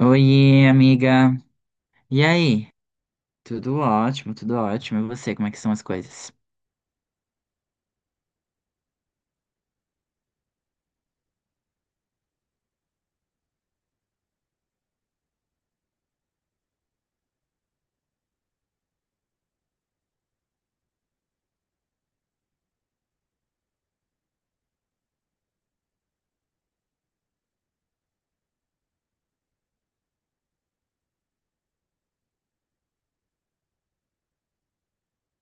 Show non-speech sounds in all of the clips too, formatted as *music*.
Oiê, amiga. E aí? Tudo ótimo, tudo ótimo. E você, como é que são as coisas?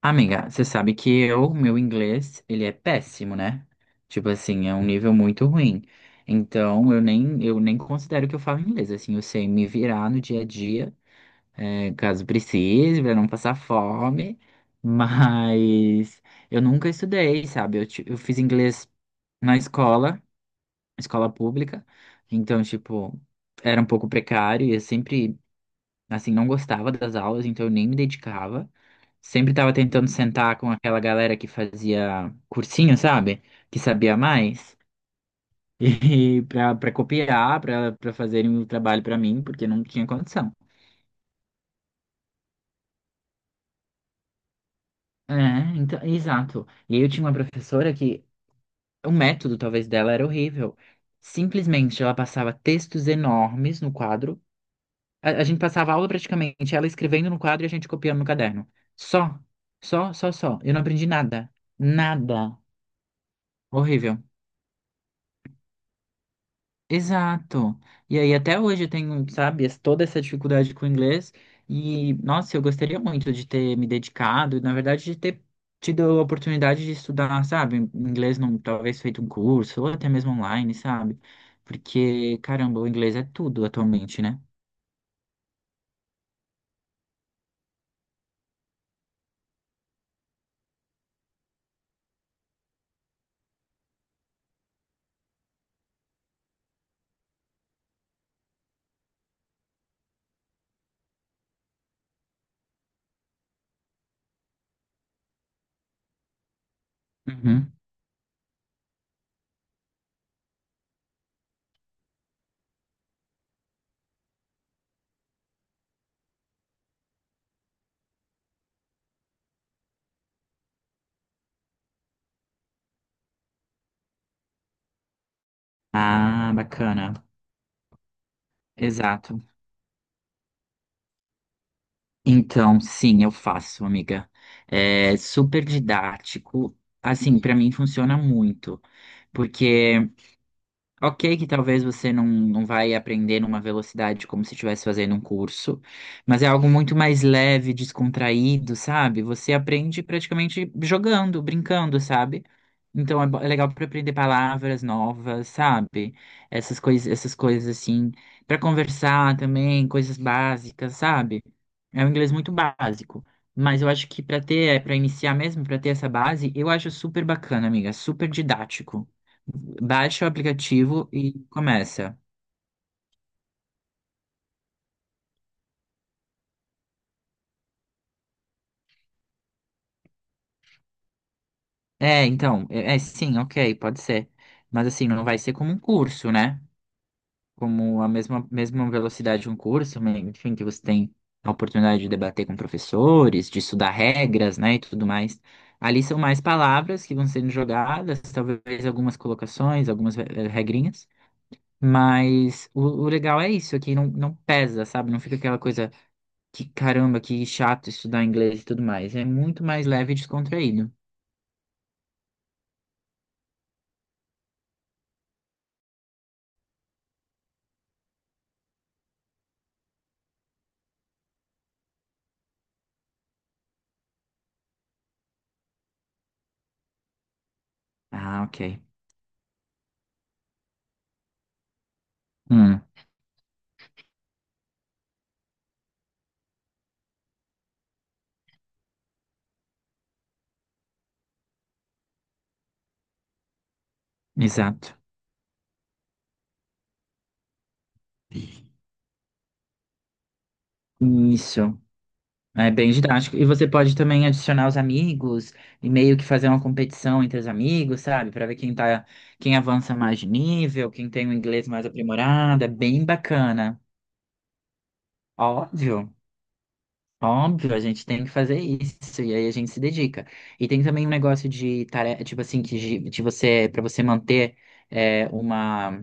Amiga, você sabe que meu inglês, ele é péssimo, né? Tipo assim, é um nível muito ruim. Então, eu nem considero que eu falo inglês. Assim, eu sei me virar no dia a dia, caso precise, pra não passar fome. Mas eu nunca estudei, sabe? Eu fiz inglês na escola, escola pública. Então, tipo, era um pouco precário e eu sempre, assim, não gostava das aulas, então eu nem me dedicava. Sempre estava tentando sentar com aquela galera que fazia cursinho, sabe? Que sabia mais. E *laughs* para copiar, para fazerem o trabalho para mim, porque não tinha condição. É, então, exato. E aí eu tinha uma professora que o método talvez dela era horrível. Simplesmente ela passava textos enormes no quadro. A gente passava a aula praticamente, ela escrevendo no quadro e a gente copiando no caderno. Só, só, só, só. Eu não aprendi nada. Nada. Horrível. Exato. E aí, até hoje eu tenho, sabe, toda essa dificuldade com o inglês. E, nossa, eu gostaria muito de ter me dedicado, na verdade, de ter tido a oportunidade de estudar, sabe, inglês, talvez feito um curso, ou até mesmo online, sabe? Porque, caramba, o inglês é tudo atualmente, né? Uhum. Ah, bacana. Exato. Então, sim, eu faço, amiga. É super didático. Assim, para mim funciona muito, porque, ok, que talvez você não vai aprender numa velocidade como se estivesse fazendo um curso, mas é algo muito mais leve, descontraído, sabe? Você aprende praticamente jogando, brincando, sabe? Então é legal para aprender palavras novas, sabe? Essas coisas assim, para conversar também, coisas básicas, sabe? É um inglês muito básico, mas eu acho que para iniciar mesmo, para ter essa base, eu acho super bacana, amiga, super didático. Baixa o aplicativo e começa. É, então, é, sim, ok, pode ser. Mas assim, não vai ser como um curso, né? Como a mesma velocidade de um curso, mas, enfim, que você tem a oportunidade de debater com professores, de estudar regras, né, e tudo mais. Ali são mais palavras que vão sendo jogadas, talvez algumas colocações, algumas regrinhas. Mas o legal é isso, aqui não pesa, sabe? Não fica aquela coisa. Que caramba, que chato estudar inglês e tudo mais. É muito mais leve e descontraído. Ah, ok. Hum, exato. Isso. É bem didático. E você pode também adicionar os amigos e meio que fazer uma competição entre os amigos, sabe? Pra ver quem avança mais de nível, quem tem o inglês mais aprimorado. É bem bacana. Óbvio. Óbvio, a gente tem que fazer isso e aí a gente se dedica. E tem também um negócio de tarefa, tipo assim, que de você, para você manter é, uma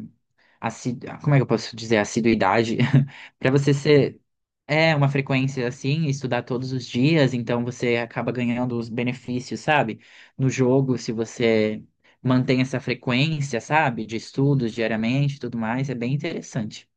assi- como é que eu posso dizer, assiduidade, *laughs* para você ser é uma frequência assim, estudar todos os dias, então você acaba ganhando os benefícios, sabe? No jogo, se você mantém essa frequência, sabe, de estudos diariamente, e tudo mais, é bem interessante.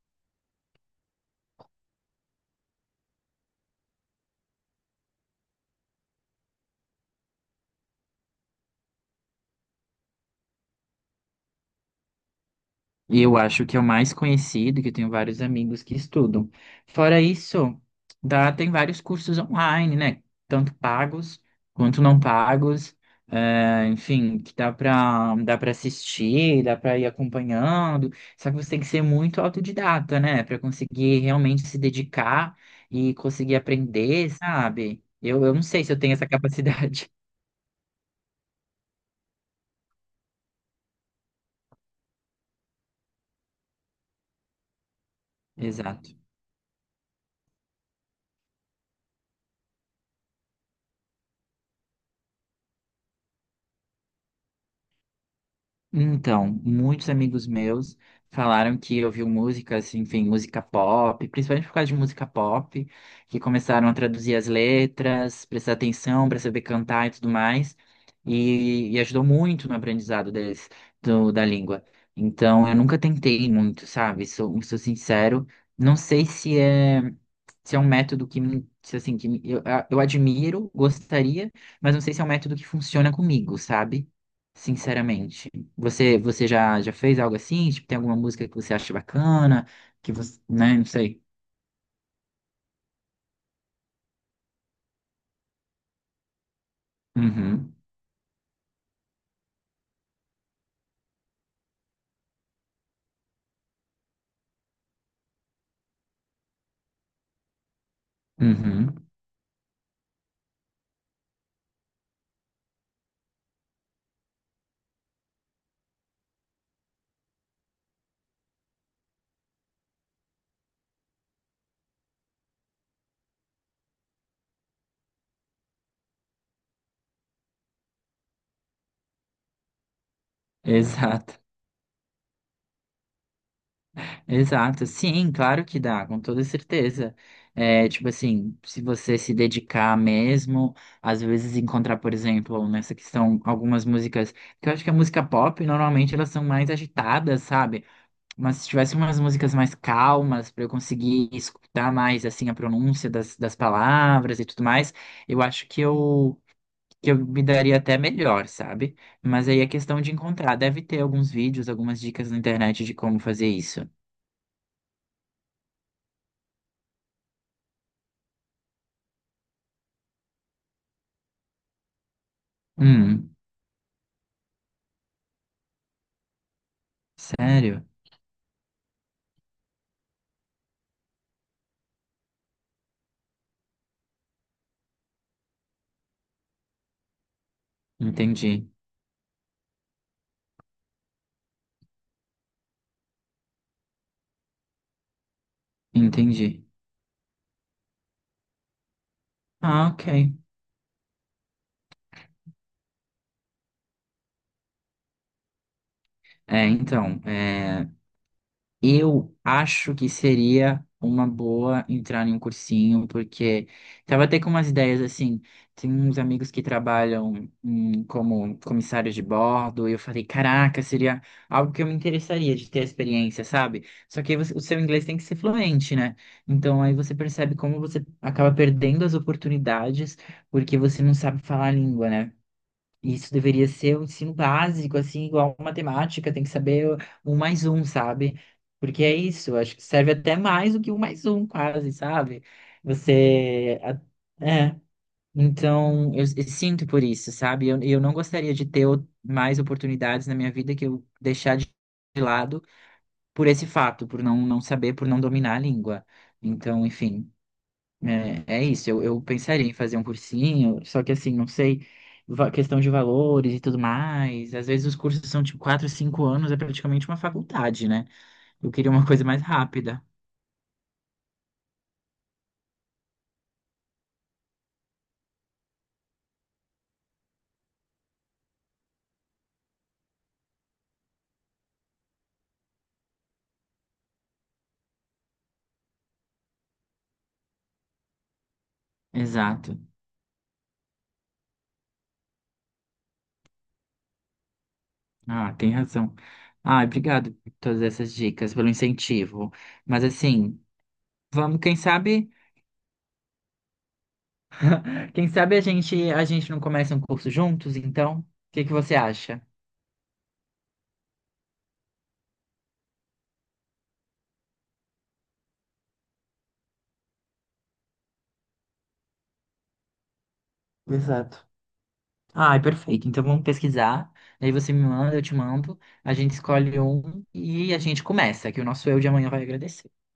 E eu acho que é o mais conhecido, que eu tenho vários amigos que estudam. Fora isso, tem vários cursos online, né? Tanto pagos quanto não pagos. Enfim, que dá para assistir, dá para ir acompanhando. Só que você tem que ser muito autodidata, né? Para conseguir realmente se dedicar e conseguir aprender, sabe? Eu não sei se eu tenho essa capacidade. *laughs* Exato. Então, muitos amigos meus falaram que ouviu música, assim, enfim, música pop, principalmente por causa de música pop, que começaram a traduzir as letras, prestar atenção para saber cantar e tudo mais, e ajudou muito no aprendizado deles, da língua. Então, eu nunca tentei muito, sabe? Sou sincero, não sei se é um método que, me- se, assim, que me- eu admiro, gostaria, mas não sei se é um método que funciona comigo, sabe? Sinceramente. Você já fez algo assim? Tipo, tem alguma música que você acha bacana? Que você, né? Não sei. Uhum, uhum. *laughs* Exato, exato. Sim, claro que dá, com toda certeza. É, tipo assim, se você se dedicar mesmo, às vezes encontrar, por exemplo, nessa questão, algumas músicas, que eu acho que a música pop, normalmente elas são mais agitadas, sabe? Mas se tivesse umas músicas mais calmas, para eu conseguir escutar mais assim a pronúncia das palavras e tudo mais, eu acho que eu me daria até melhor, sabe? Mas aí é questão de encontrar. Deve ter alguns vídeos, algumas dicas na internet de como fazer isso. Hum, sério? Entendi, entendi. Ah, ok. É, então, é. Eu acho que seria uma boa entrar em um cursinho, porque tava até com umas ideias assim. Tem uns amigos que trabalham como comissários de bordo, e eu falei, caraca, seria algo que eu me interessaria de ter a experiência, sabe? Só que aí o seu inglês tem que ser fluente, né? Então aí você percebe como você acaba perdendo as oportunidades porque você não sabe falar a língua, né? Isso deveria ser um ensino básico, assim, igual matemática, tem que saber um mais um, sabe? Porque é isso, acho que serve até mais do que um mais um, quase, sabe? Você. a- É. Então, eu sinto por isso, sabe? Eu não gostaria de ter mais oportunidades na minha vida que eu deixar de lado por esse fato, por não saber, por não dominar a língua. Então, enfim. É isso, eu pensaria em fazer um cursinho, só que assim, não sei, questão de valores e tudo mais. Às vezes os cursos são tipo 4, 5 anos, é praticamente uma faculdade, né? Eu queria uma coisa mais rápida. Exato. Ah, tem razão. Ah, obrigado por todas essas dicas, pelo incentivo. Mas assim, vamos, quem sabe a gente não começa um curso juntos, então? O que que você acha? Exato. Ah, perfeito. Então vamos pesquisar. Aí você me manda, eu te mando. A gente escolhe um e a gente começa, que o nosso eu de amanhã vai agradecer.